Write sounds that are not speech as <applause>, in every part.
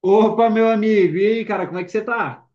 Opa, meu amigo, e aí, cara, como é que você tá?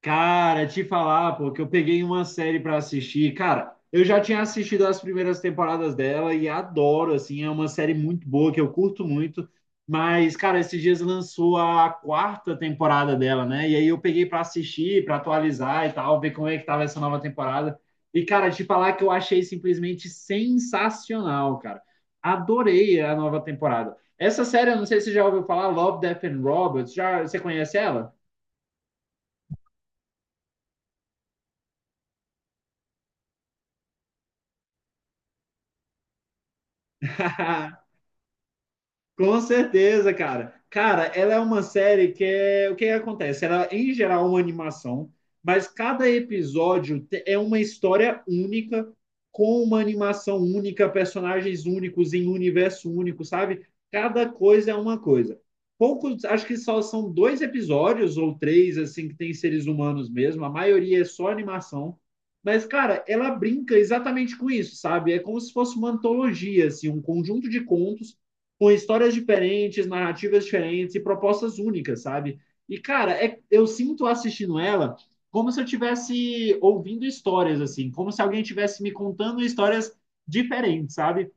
Cara, te falar, pô, que eu peguei uma série pra assistir. Cara, eu já tinha assistido as primeiras temporadas dela e adoro, assim, é uma série muito boa que eu curto muito. Mas, cara, esses dias lançou a quarta temporada dela, né? E aí eu peguei pra assistir, pra atualizar e tal, ver como é que tava essa nova temporada. E, cara, te falar que eu achei simplesmente sensacional, cara. Adorei a nova temporada. Essa série, eu não sei se você já ouviu falar, Love, Death and Robots. Já, você conhece ela? <laughs> Com certeza, cara. Cara, ela é uma série que é o que que acontece? Ela, em geral, é uma animação, mas cada episódio é uma história única, com uma animação única, personagens únicos em um universo único, sabe? Cada coisa é uma coisa. Poucos, acho que só são dois episódios ou três, assim, que tem seres humanos mesmo. A maioria é só animação. Mas, cara, ela brinca exatamente com isso, sabe? É como se fosse uma antologia, assim, um conjunto de contos com histórias diferentes, narrativas diferentes e propostas únicas, sabe? E, cara, é, eu sinto assistindo ela como se eu estivesse ouvindo histórias, assim, como se alguém tivesse me contando histórias diferentes, sabe?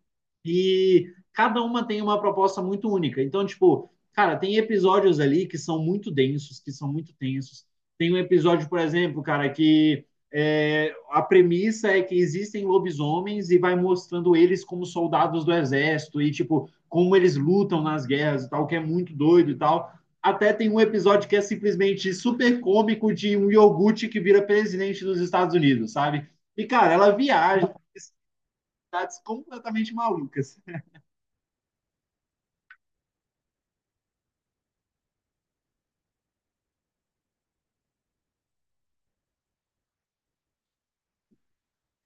E cada uma tem uma proposta muito única. Então, tipo, cara, tem episódios ali que são muito densos, que são muito tensos. Tem um episódio, por exemplo, cara, que é, a premissa é que existem lobisomens e vai mostrando eles como soldados do exército e, tipo, como eles lutam nas guerras e tal, que é muito doido e tal. Até tem um episódio que é simplesmente super cômico de um iogurte que vira presidente dos Estados Unidos, sabe? E, cara, ela viaja, em cidades completamente malucas.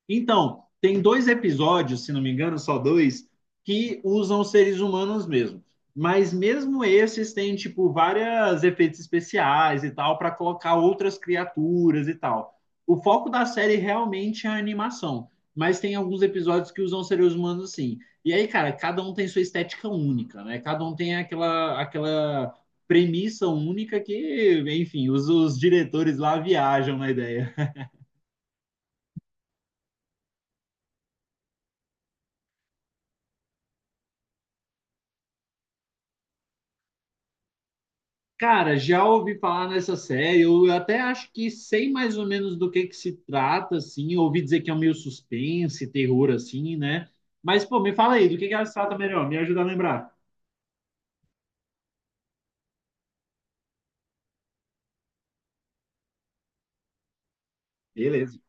Então, tem dois episódios, se não me engano, só dois, que usam seres humanos mesmo. Mas mesmo esses têm, tipo, vários efeitos especiais e tal, para colocar outras criaturas e tal. O foco da série realmente é a animação. Mas tem alguns episódios que usam seres humanos sim. E aí, cara, cada um tem sua estética única, né? Cada um tem aquela, aquela premissa única que, enfim, os diretores lá viajam na ideia. Cara, já ouvi falar nessa série, eu até acho que sei mais ou menos do que se trata, assim, eu ouvi dizer que é um meio suspense, terror, assim, né? Mas, pô, me fala aí, do que ela se trata melhor, me ajuda a lembrar. Beleza.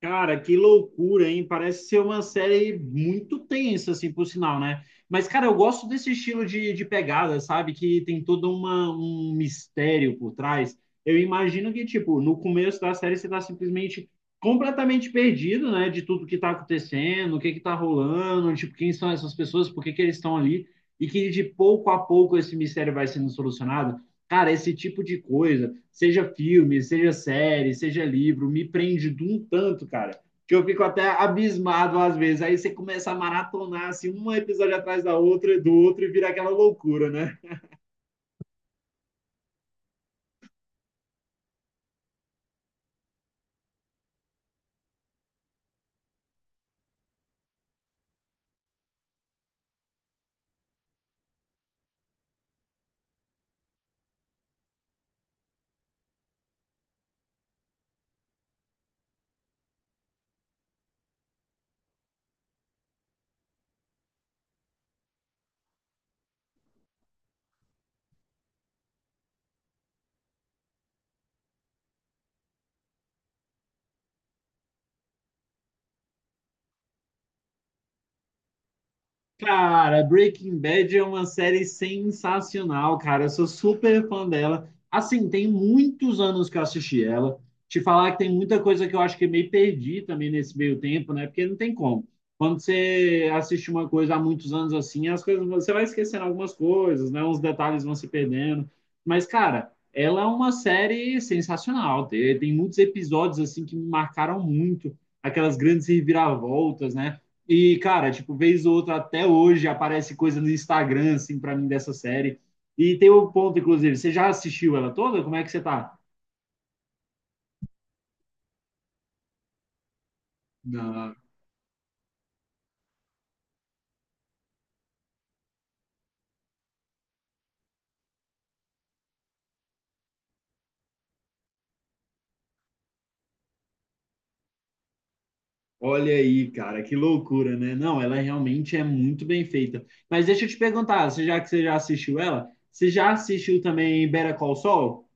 Cara, que loucura, hein? Parece ser uma série muito tensa, assim, por sinal, né? Mas, cara, eu gosto desse estilo de pegada, sabe? Que tem todo uma, um mistério por trás. Eu imagino que, tipo, no começo da série você tá simplesmente completamente perdido, né? De tudo que tá acontecendo, o que que tá rolando, tipo, quem são essas pessoas, por que que eles estão ali. E que de pouco a pouco esse mistério vai sendo solucionado. Cara, esse tipo de coisa, seja filme, seja série, seja livro, me prende de um tanto, cara, que eu fico até abismado às vezes. Aí você começa a maratonar assim, um episódio atrás da outra, do outro, e vira aquela loucura, né? Cara, Breaking Bad é uma série sensacional, cara. Eu sou super fã dela. Assim, tem muitos anos que eu assisti ela. Te falar que tem muita coisa que eu acho que meio perdi também nesse meio tempo, né? Porque não tem como. Quando você assiste uma coisa há muitos anos assim, as coisas, você vai esquecendo algumas coisas, né? Uns detalhes vão se perdendo. Mas, cara, ela é uma série sensacional. Tem muitos episódios assim que me marcaram muito, aquelas grandes reviravoltas, né? E, cara, tipo, vez ou outra, até hoje, aparece coisa no Instagram, assim, pra mim, dessa série. E tem um ponto, inclusive, você já assistiu ela toda? Como é que você tá? Não. Olha aí, cara, que loucura, né? Não, ela realmente é muito bem feita. Mas deixa eu te perguntar, você já que você já assistiu ela, você já assistiu também Better Call Saul?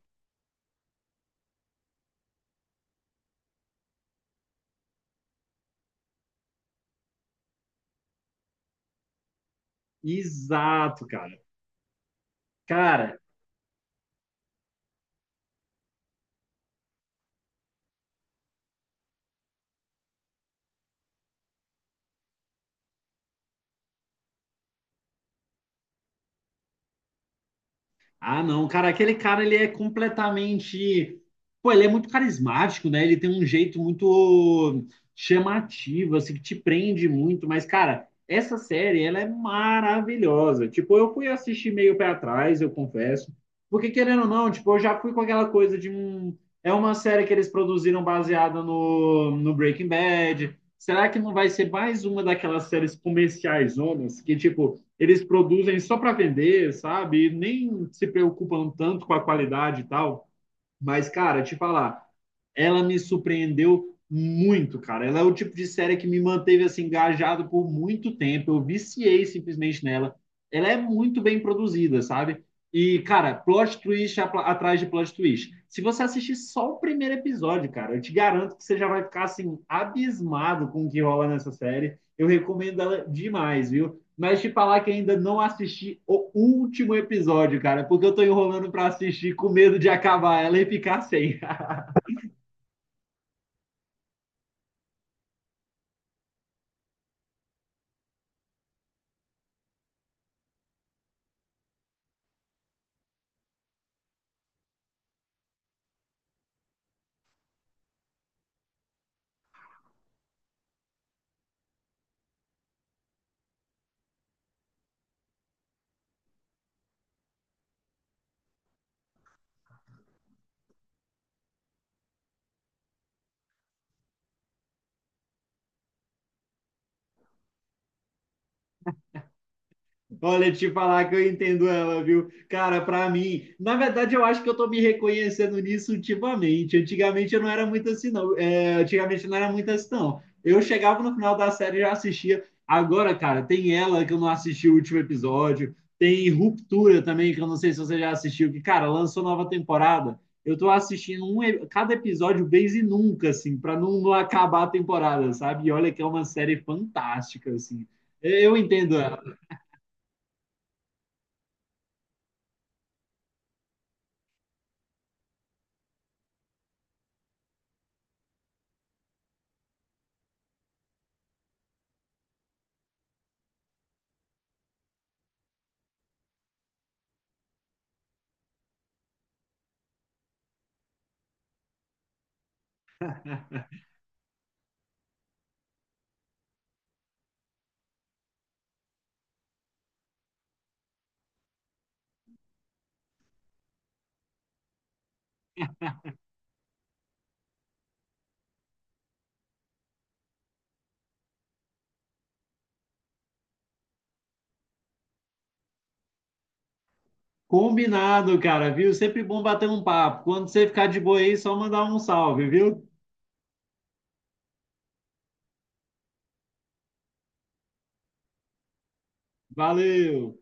Exato, cara. Cara, ah, não, cara, aquele cara ele é completamente. Pô, ele é muito carismático, né? Ele tem um jeito muito chamativo, assim, que te prende muito. Mas, cara, essa série, ela é maravilhosa. Tipo, eu fui assistir meio pé atrás, eu confesso. Porque, querendo ou não, tipo, eu já fui com aquela coisa de um. É uma série que eles produziram baseada no Breaking Bad. Será que não vai ser mais uma daquelas séries comerciais, zonas, que, tipo eles produzem só para vender, sabe? E nem se preocupam tanto com a qualidade e tal. Mas, cara, te falar, ela me surpreendeu muito, cara. Ela é o tipo de série que me manteve assim engajado por muito tempo. Eu viciei simplesmente nela. Ela é muito bem produzida, sabe? E, cara, atrás de plot twist. Se você assistir só o primeiro episódio, cara, eu te garanto que você já vai ficar, assim, abismado com o que rola nessa série. Eu recomendo ela demais, viu? Mas te falar que ainda não assisti o último episódio, cara, porque eu tô enrolando pra assistir com medo de acabar ela e ficar sem. Olha, te falar que eu entendo ela, viu? Cara, pra mim, na verdade, eu acho que eu tô me reconhecendo nisso ultimamente. Antigamente eu não era muito assim, não. É, antigamente eu não era muito assim, não. Eu chegava no final da série e já assistia. Agora, cara, tem ela que eu não assisti o último episódio. Tem Ruptura também, que eu não sei se você já assistiu, que, cara, lançou nova temporada. Eu tô assistindo um, cada episódio vez e nunca, assim, pra não, não acabar a temporada, sabe? E olha que é uma série fantástica, assim. Eu entendo ela. <laughs> Combinado, cara, viu? Sempre bom bater um papo. Quando você ficar de boa aí, só mandar um salve, viu? Valeu!